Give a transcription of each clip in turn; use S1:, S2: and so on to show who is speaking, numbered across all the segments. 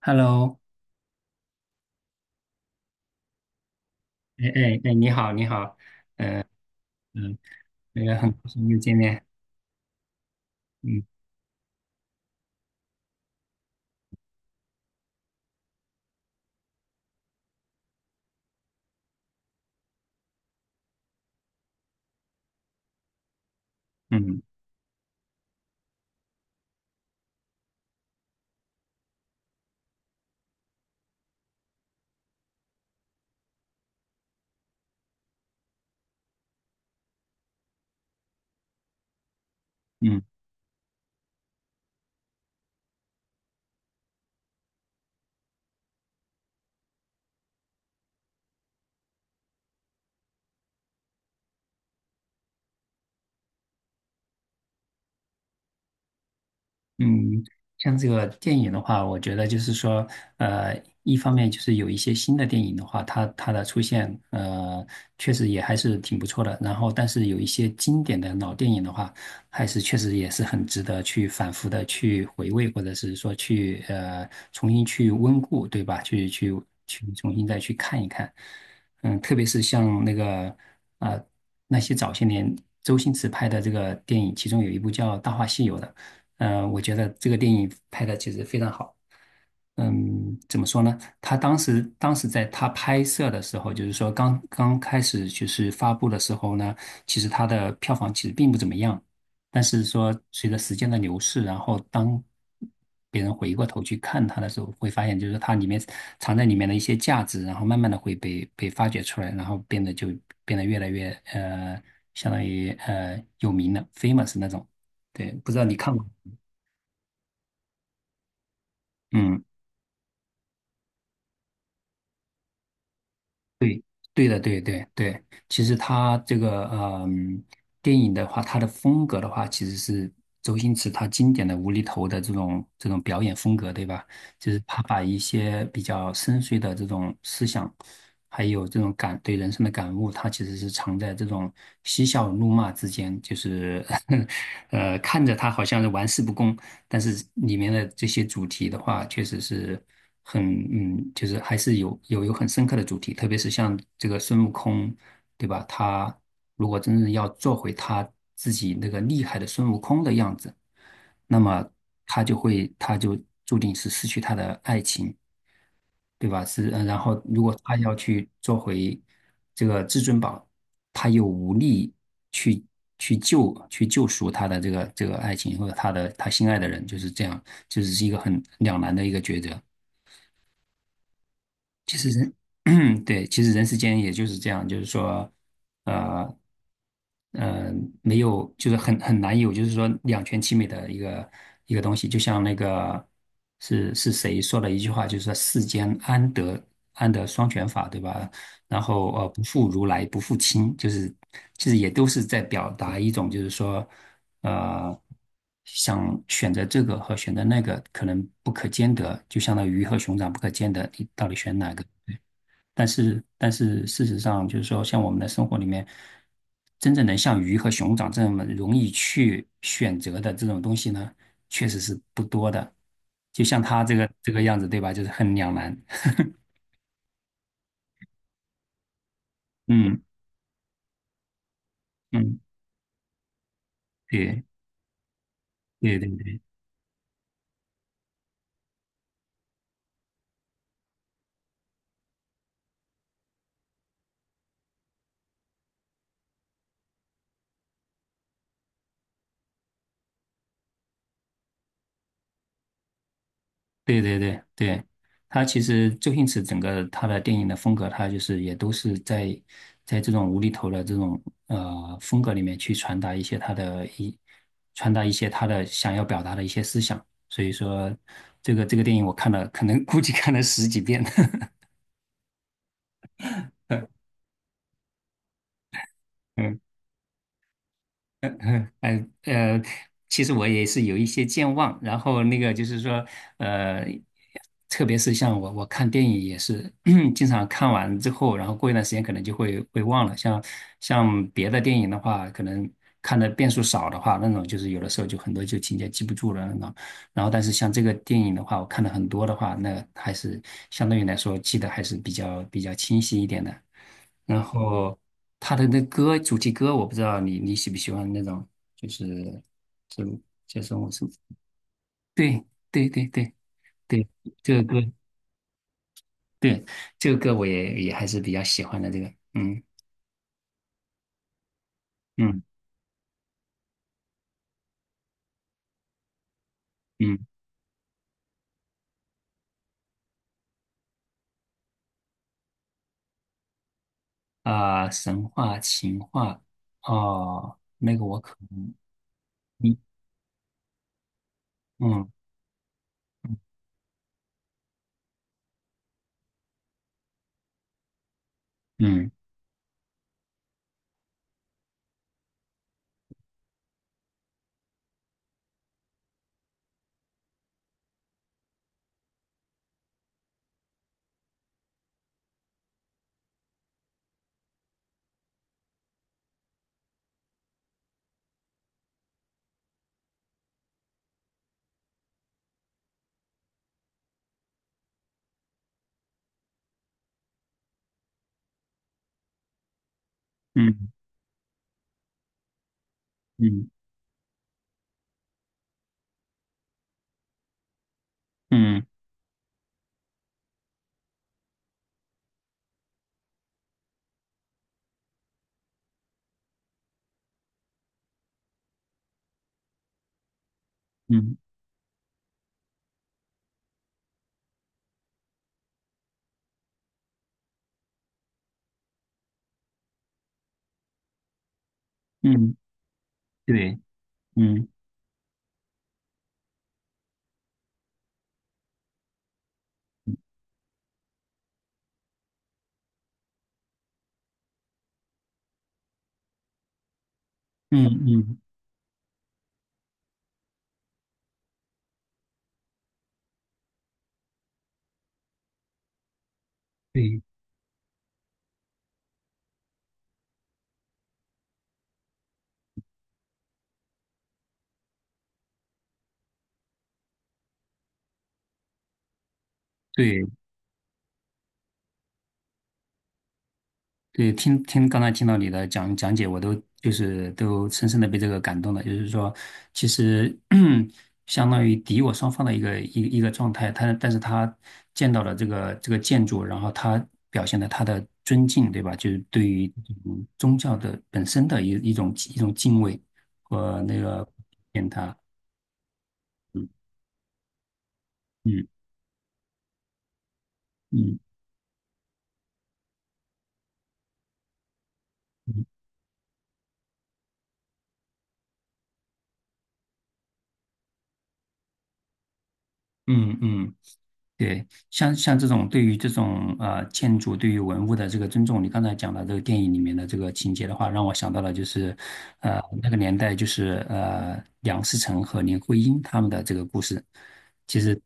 S1: Hello，哎哎哎，你好，你好，嗯、嗯，那个很高兴又见面，嗯嗯嗯。嗯，像这个电影的话，我觉得就是说，呃，一方面就是有一些新的电影的话，它的出现，确实也还是挺不错的。然后，但是有一些经典的老电影的话，还是确实也是很值得去反复的去回味，或者是说去重新去温故，对吧？去重新再去看一看。特别是像啊那些早些年周星驰拍的这个电影，其中有一部叫《大话西游》的。我觉得这个电影拍的其实非常好。怎么说呢？他当时在他拍摄的时候，就是说刚刚开始就是发布的时候呢，其实他的票房其实并不怎么样。但是说随着时间的流逝，然后当别人回过头去看他的时候，会发现就是他里面藏在里面的一些价值，然后慢慢的会被发掘出来，然后变得越来越相当于有名了，famous 那种。对，不知道你看过？嗯。对，对的，对对对，其实他这个电影的话，他的风格的话，其实是周星驰他经典的无厘头的这种表演风格，对吧？就是他把一些比较深邃的这种思想，还有这种感对人生的感悟，他其实是藏在这种嬉笑怒骂之间，就是 看着他好像是玩世不恭，但是里面的这些主题的话，确实是很就是还是有很深刻的主题，特别是像这个孙悟空，对吧？他如果真正要做回他自己那个厉害的孙悟空的样子，那么他就注定是失去他的爱情。对吧？是，然后如果他要去做回这个至尊宝，他又无力去去救赎他的这个爱情或者他心爱的人，就是这样，就是一个很两难的一个抉择。其实对，其实人世间也就是这样，就是说，呃，嗯，没有，就是很难有，就是说两全其美的一个一个东西。就像那个是谁说的一句话，就是说世间安得双全法，对吧？然后不负如来不负卿，就是其实也都是在表达一种，就是说呃，想选择这个和选择那个可能不可兼得，就相当于鱼和熊掌不可兼得，你到底选哪个？但是事实上，就是说，像我们的生活里面，真正能像鱼和熊掌这么容易去选择的这种东西呢，确实是不多的。就像他这个样子，对吧？就是很两难。嗯嗯，对对对对。对对对对，他其实周星驰整个他的电影的风格，他就是也都是在这种无厘头的这种风格里面去传达一些他的想要表达的一些思想。所以说，这个电影我看了，可能估计看了十几遍。嗯 嗯嗯其实我也是有一些健忘，然后那个就是说，呃，特别是像我看电影也是，经常看完之后，然后过一段时间可能就会忘了。像别的电影的话，可能看的遍数少的话，那种就是有的时候就很多就情节记不住了那种。然后但是像这个电影的话，我看的很多的话，那还是相对于来说记得还是比较清晰一点的。然后他的那歌主题歌，我不知道你喜不喜欢那种，就是这就是我是对对对对对，这个歌对这个歌我也还是比较喜欢的这个，嗯嗯嗯啊、神话情话哦，那个我可能嗯嗯嗯嗯嗯嗯嗯嗯嗯对嗯嗯嗯对对对，听听刚才听到你的讲解，我都就是都深深的被这个感动了。就是说，其实 相当于敌我双方的一个状态，但是他见到了这个建筑，然后他表现了他的尊敬，对吧？就是对于这种宗教的本身的一种敬畏和那个见他，嗯嗯嗯嗯嗯嗯。对，像这种对于这种建筑对于文物的这个尊重，你刚才讲的这个电影里面的这个情节的话，让我想到了就是，那个年代就是梁思成和林徽因他们的这个故事。其实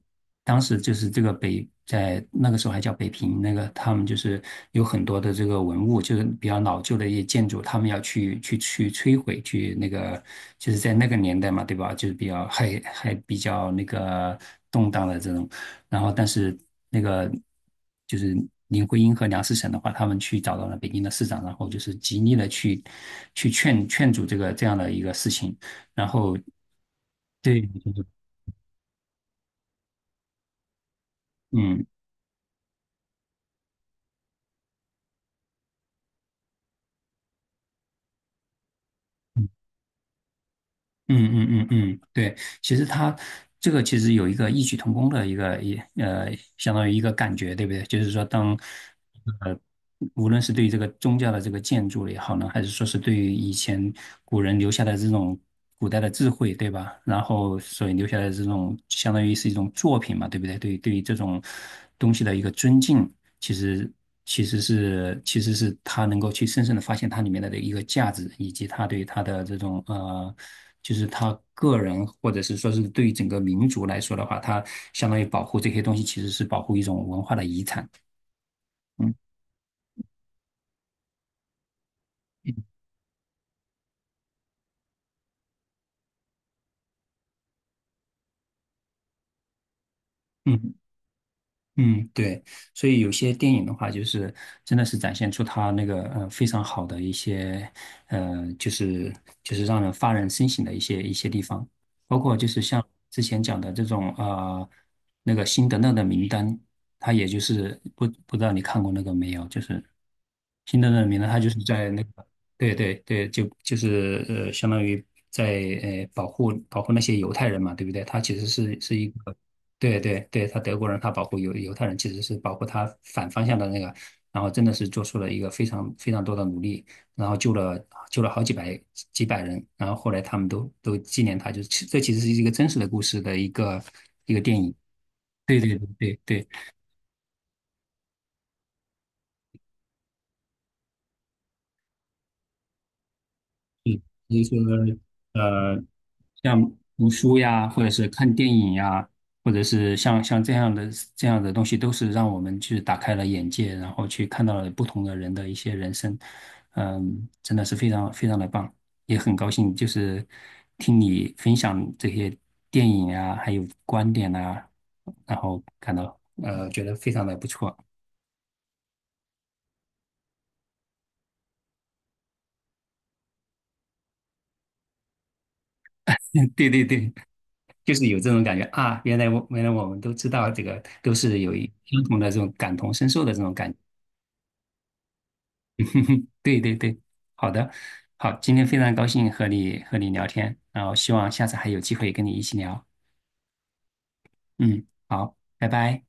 S1: 当时就是这个北在那个时候还叫北平，那个他们就是有很多的这个文物，就是比较老旧的一些建筑，他们要去摧毁，去那个就是在那个年代嘛，对吧？就是比较还比较那个动荡的这种。然后但是那个就是林徽因和梁思成的话，他们去找到了北京的市长，然后就是极力的去劝阻这样的一个事情，然后对，就是嗯。嗯嗯嗯嗯，对，其实他这个其实有一个异曲同工的一个，相当于一个感觉，对不对？就是说当，无论是对于这个宗教的这个建筑也好呢，还是说是对于以前古人留下的这种古代的智慧，对吧？然后所以留下来的这种相当于是一种作品嘛，对不对？对于这种东西的一个尊敬，其实其实是他能够去深深的发现它里面的一个价值，以及他对他的这种。就是他个人，或者是说是对于整个民族来说的话，他相当于保护这些东西，其实是保护一种文化的遗产。嗯嗯嗯。嗯，对，所以有些电影的话，就是真的是展现出它那个非常好的一些呃，就是就是让人发人深省的一些地方，包括就是像之前讲的这种那个辛德勒的名单，它也就是不知道你看过那个没有，就是辛德勒的名单，他就是在那个对对对，就就是相当于在保护那些犹太人嘛，对不对？他其实是一个。对对对，他德国人，他保护犹太人，其实是保护他反方向的那个，然后真的是做出了一个非常非常多的努力，然后救了好几百人，然后后来他们都纪念他，就是其实是一个真实的故事的一个电影。对对对对对，比如说呃，像读书呀，或者是看电影呀，或者是像这样的东西，都是让我们去打开了眼界，然后去看到了不同的人的一些人生，真的是非常非常的棒，也很高兴就是听你分享这些电影啊，还有观点啊，然后觉得非常的不错，对对对，就是有这种感觉啊，原来我们都知道这个，都是有一相同的这种感同身受的这种感觉。哼哼对对对，好的，好，今天非常高兴和你聊天，然后希望下次还有机会跟你一起聊。嗯，好，拜拜。